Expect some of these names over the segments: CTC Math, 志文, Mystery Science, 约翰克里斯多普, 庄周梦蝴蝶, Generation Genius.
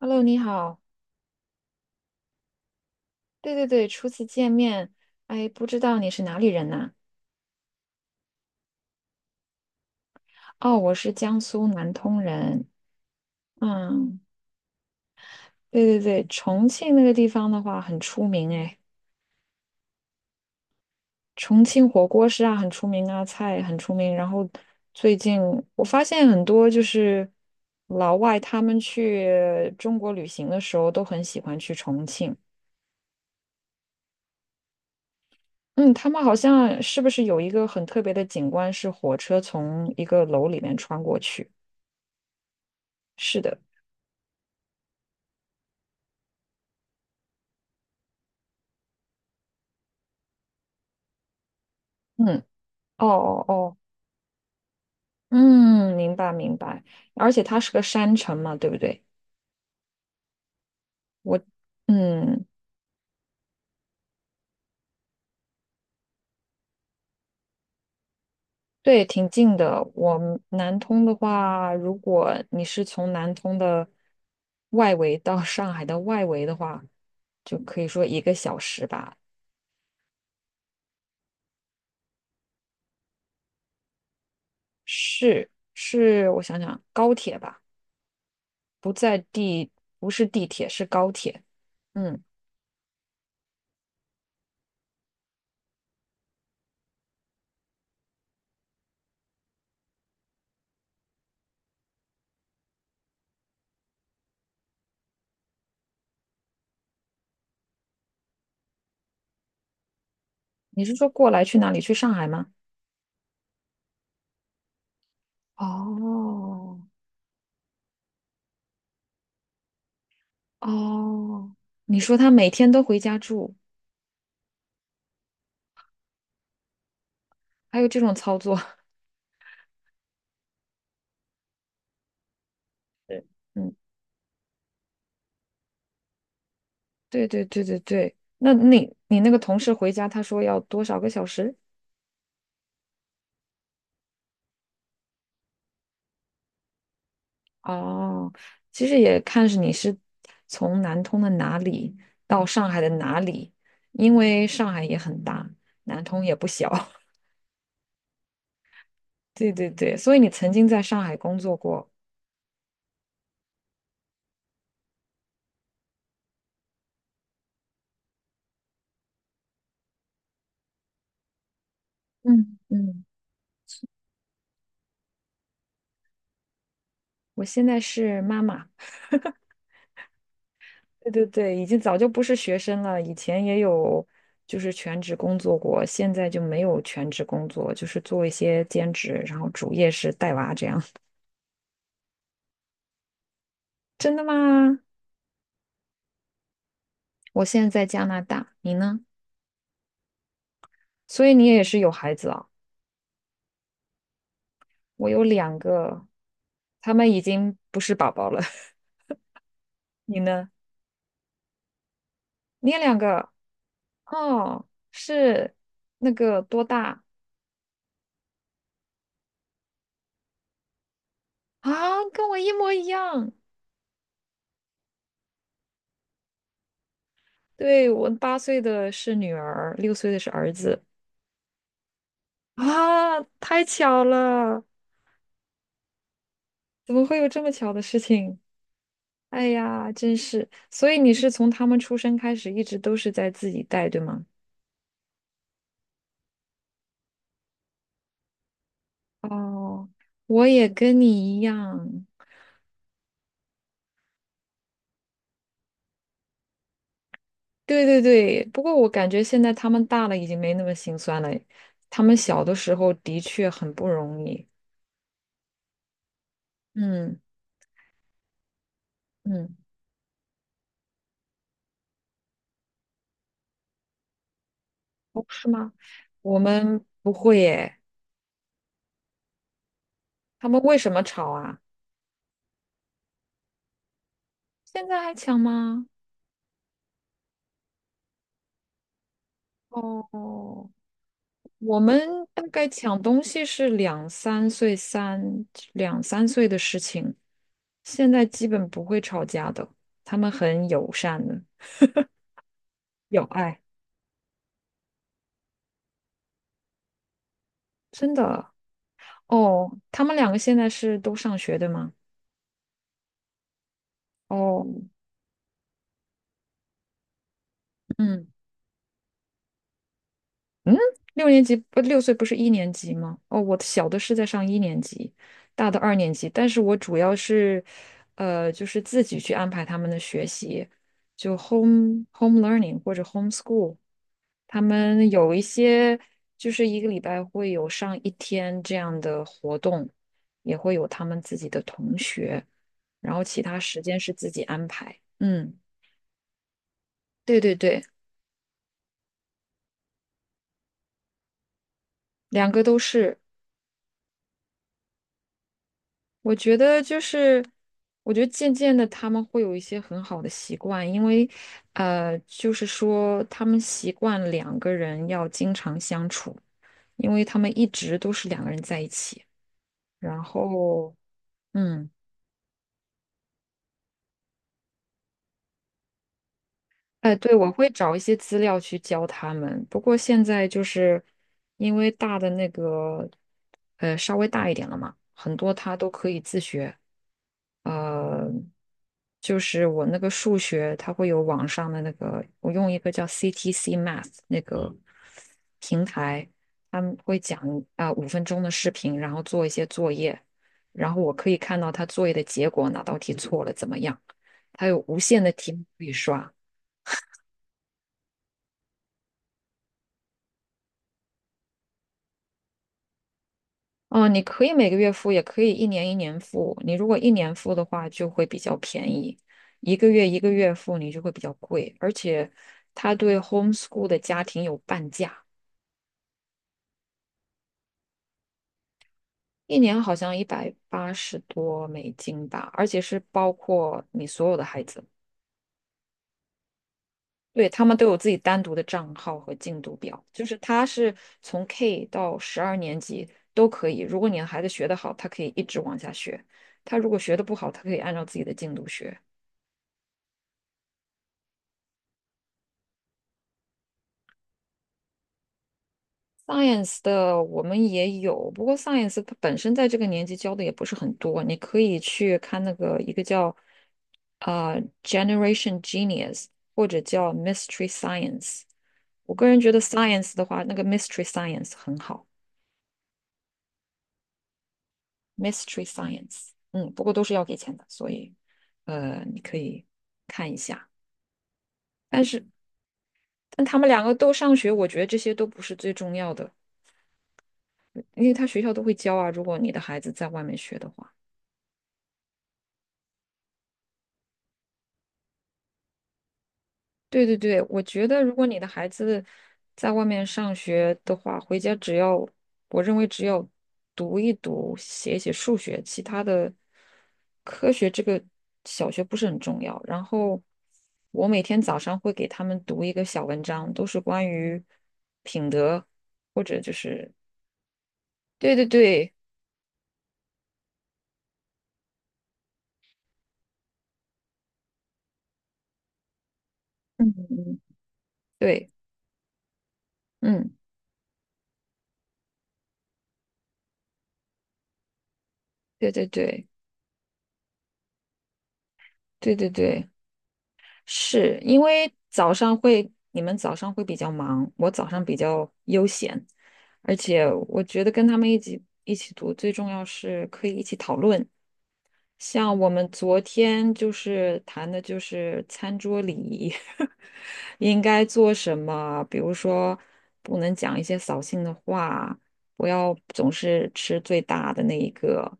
Hello，你好。对对对，初次见面，哎，不知道你是哪里人呐？哦，我是江苏南通人。嗯，对对对，重庆那个地方的话很出名哎，重庆火锅是啊很出名啊，菜很出名。然后最近我发现很多就是老外他们去中国旅行的时候都很喜欢去重庆。嗯，他们好像是不是有一个很特别的景观是火车从一个楼里面穿过去？是的。嗯。哦哦哦，嗯，明白明白，而且它是个山城嘛，对不对？我，嗯，对，挺近的。我们南通的话，如果你是从南通的外围到上海的外围的话，就可以说一个小时吧。是是，我想想，高铁吧，不在地，不是地铁，是高铁。嗯，你是说过来去哪里？去上海吗？哦，哦，你说他每天都回家住，还有这种操作？嗯，对对对对对。那你那个同事回家，他说要多少个小时？哦，其实也看是你是从南通的哪里到上海的哪里，因为上海也很大，南通也不小。对对对，所以你曾经在上海工作过。嗯嗯，我现在是妈妈。对对对，已经早就不是学生了，以前也有就是全职工作过，现在就没有全职工作，就是做一些兼职，然后主业是带娃这样。真的吗？我现在在加拿大，你呢？所以你也是有孩子啊？我有两个，他们已经不是宝宝了。你呢？你也两个？哦，是那个多大啊？跟我一模一样。对，我8岁的是女儿，六岁的是儿子。啊，太巧了！怎么会有这么巧的事情？哎呀，真是。所以你是从他们出生开始，一直都是在自己带，对吗？哦，我也跟你一样。对对对，不过我感觉现在他们大了，已经没那么心酸了。他们小的时候的确很不容易。嗯嗯，哦，是吗？我们不会耶。他们为什么吵啊？现在还抢吗？哦。我们大概抢东西是两三岁的事情，现在基本不会吵架的，他们很友善的，有爱，真的。哦，他们两个现在是都上学的吗？哦，嗯嗯，6年级不六岁不是一年级吗？哦，我的小的是在上一年级，大的二年级，但是我主要是，呃，就是自己去安排他们的学习，就 home learning 或者 homeschool。他们有一些就是一个礼拜会有上一天这样的活动，也会有他们自己的同学，然后其他时间是自己安排。嗯，对对对，两个都是。我觉得就是，我觉得渐渐的他们会有一些很好的习惯，因为呃，就是说他们习惯两个人要经常相处，因为他们一直都是两个人在一起，然后嗯。哎，对，我会找一些资料去教他们。不过现在就是因为大的那个，呃，稍微大一点了嘛，很多他都可以自学。呃，就是我那个数学，它会有网上的那个，我用一个叫 CTC Math 那个平台，他们会讲啊5分钟的视频，然后做一些作业，然后我可以看到他作业的结果，哪道题错了怎么样，他有无限的题目可以刷。嗯，你可以每个月付，也可以一年一年付。你如果一年付的话，就会比较便宜；一个月一个月付，你就会比较贵。而且，他对 homeschool 的家庭有半价，一年好像180多美金吧，而且是包括你所有的孩子，对，他们都有自己单独的账号和进度表，就是他是从 K 到12年级都可以。如果你的孩子学得好，他可以一直往下学；他如果学得不好，他可以按照自己的进度学。Science 的我们也有，不过 Science 它本身在这个年级教的也不是很多，你可以去看那个一个叫呃 Generation Genius 或者叫 Mystery Science。我个人觉得 Science 的话，那个 Mystery Science 很好，Mystery Science，嗯，不过都是要给钱的，所以呃，你可以看一下。但是但他们两个都上学，我觉得这些都不是最重要的，因为他学校都会教啊，如果你的孩子在外面学的话。对对对，我觉得如果你的孩子在外面上学的话，回家只要我认为只要读一读、写一写数学，其他的科学这个小学不是很重要。然后我每天早上会给他们读一个小文章，都是关于品德或者就是对对对，嗯嗯，对，嗯，对对对对对对。是因为早上会，你们早上会比较忙，我早上比较悠闲，而且我觉得跟他们一起读，最重要是可以一起讨论，像我们昨天就是谈的，就是餐桌礼仪，应该做什么？比如说，不能讲一些扫兴的话，不要总是吃最大的那一个，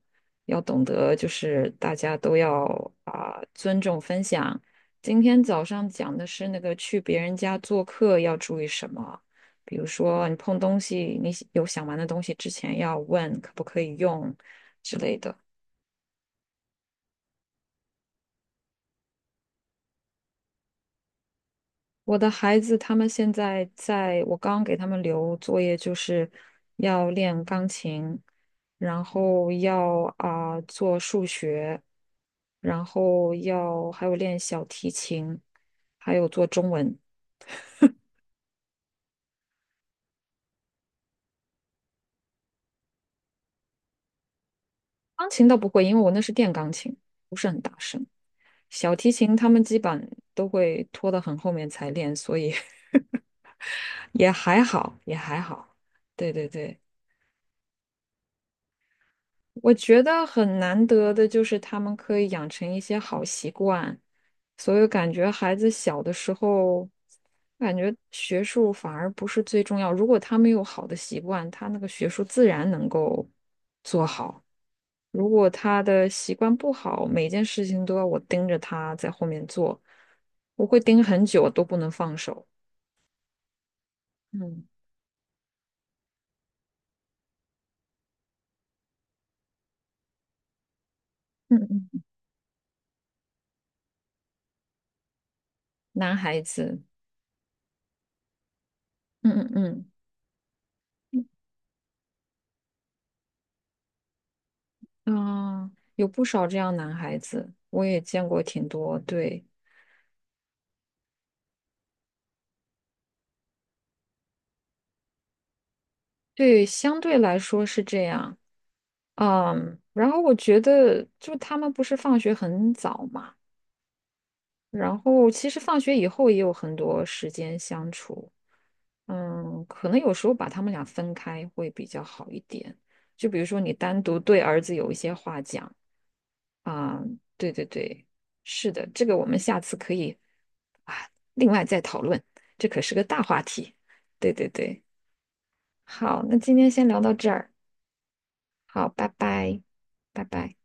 要懂得就是大家都要啊、尊重分享。今天早上讲的是那个去别人家做客要注意什么，比如说你碰东西，你有想玩的东西之前要问可不可以用之类的。我的孩子他们现在在，我刚给他们留作业，就是要练钢琴，然后要啊、做数学，然后要还有练小提琴，还有做中文。钢琴倒不会，因为我那是电钢琴，不是很大声。小提琴他们基本都会拖得很后面才练，所以 也还好，也还好。对对对。我觉得很难得的就是他们可以养成一些好习惯，所以感觉孩子小的时候，感觉学术反而不是最重要。如果他没有好的习惯，他那个学术自然能够做好。如果他的习惯不好，每件事情都要我盯着他在后面做，我会盯很久都不能放手。嗯嗯嗯，男孩子，嗯嗯嗯。嗯，有不少这样男孩子，我也见过挺多。对对，相对来说是这样。嗯，然后我觉得，就他们不是放学很早嘛，然后其实放学以后也有很多时间相处。嗯，可能有时候把他们俩分开会比较好一点。就比如说，你单独对儿子有一些话讲，啊，对对对，是的，这个我们下次可以啊，另外再讨论，这可是个大话题。对对对，好，那今天先聊到这儿，好，拜拜，拜拜。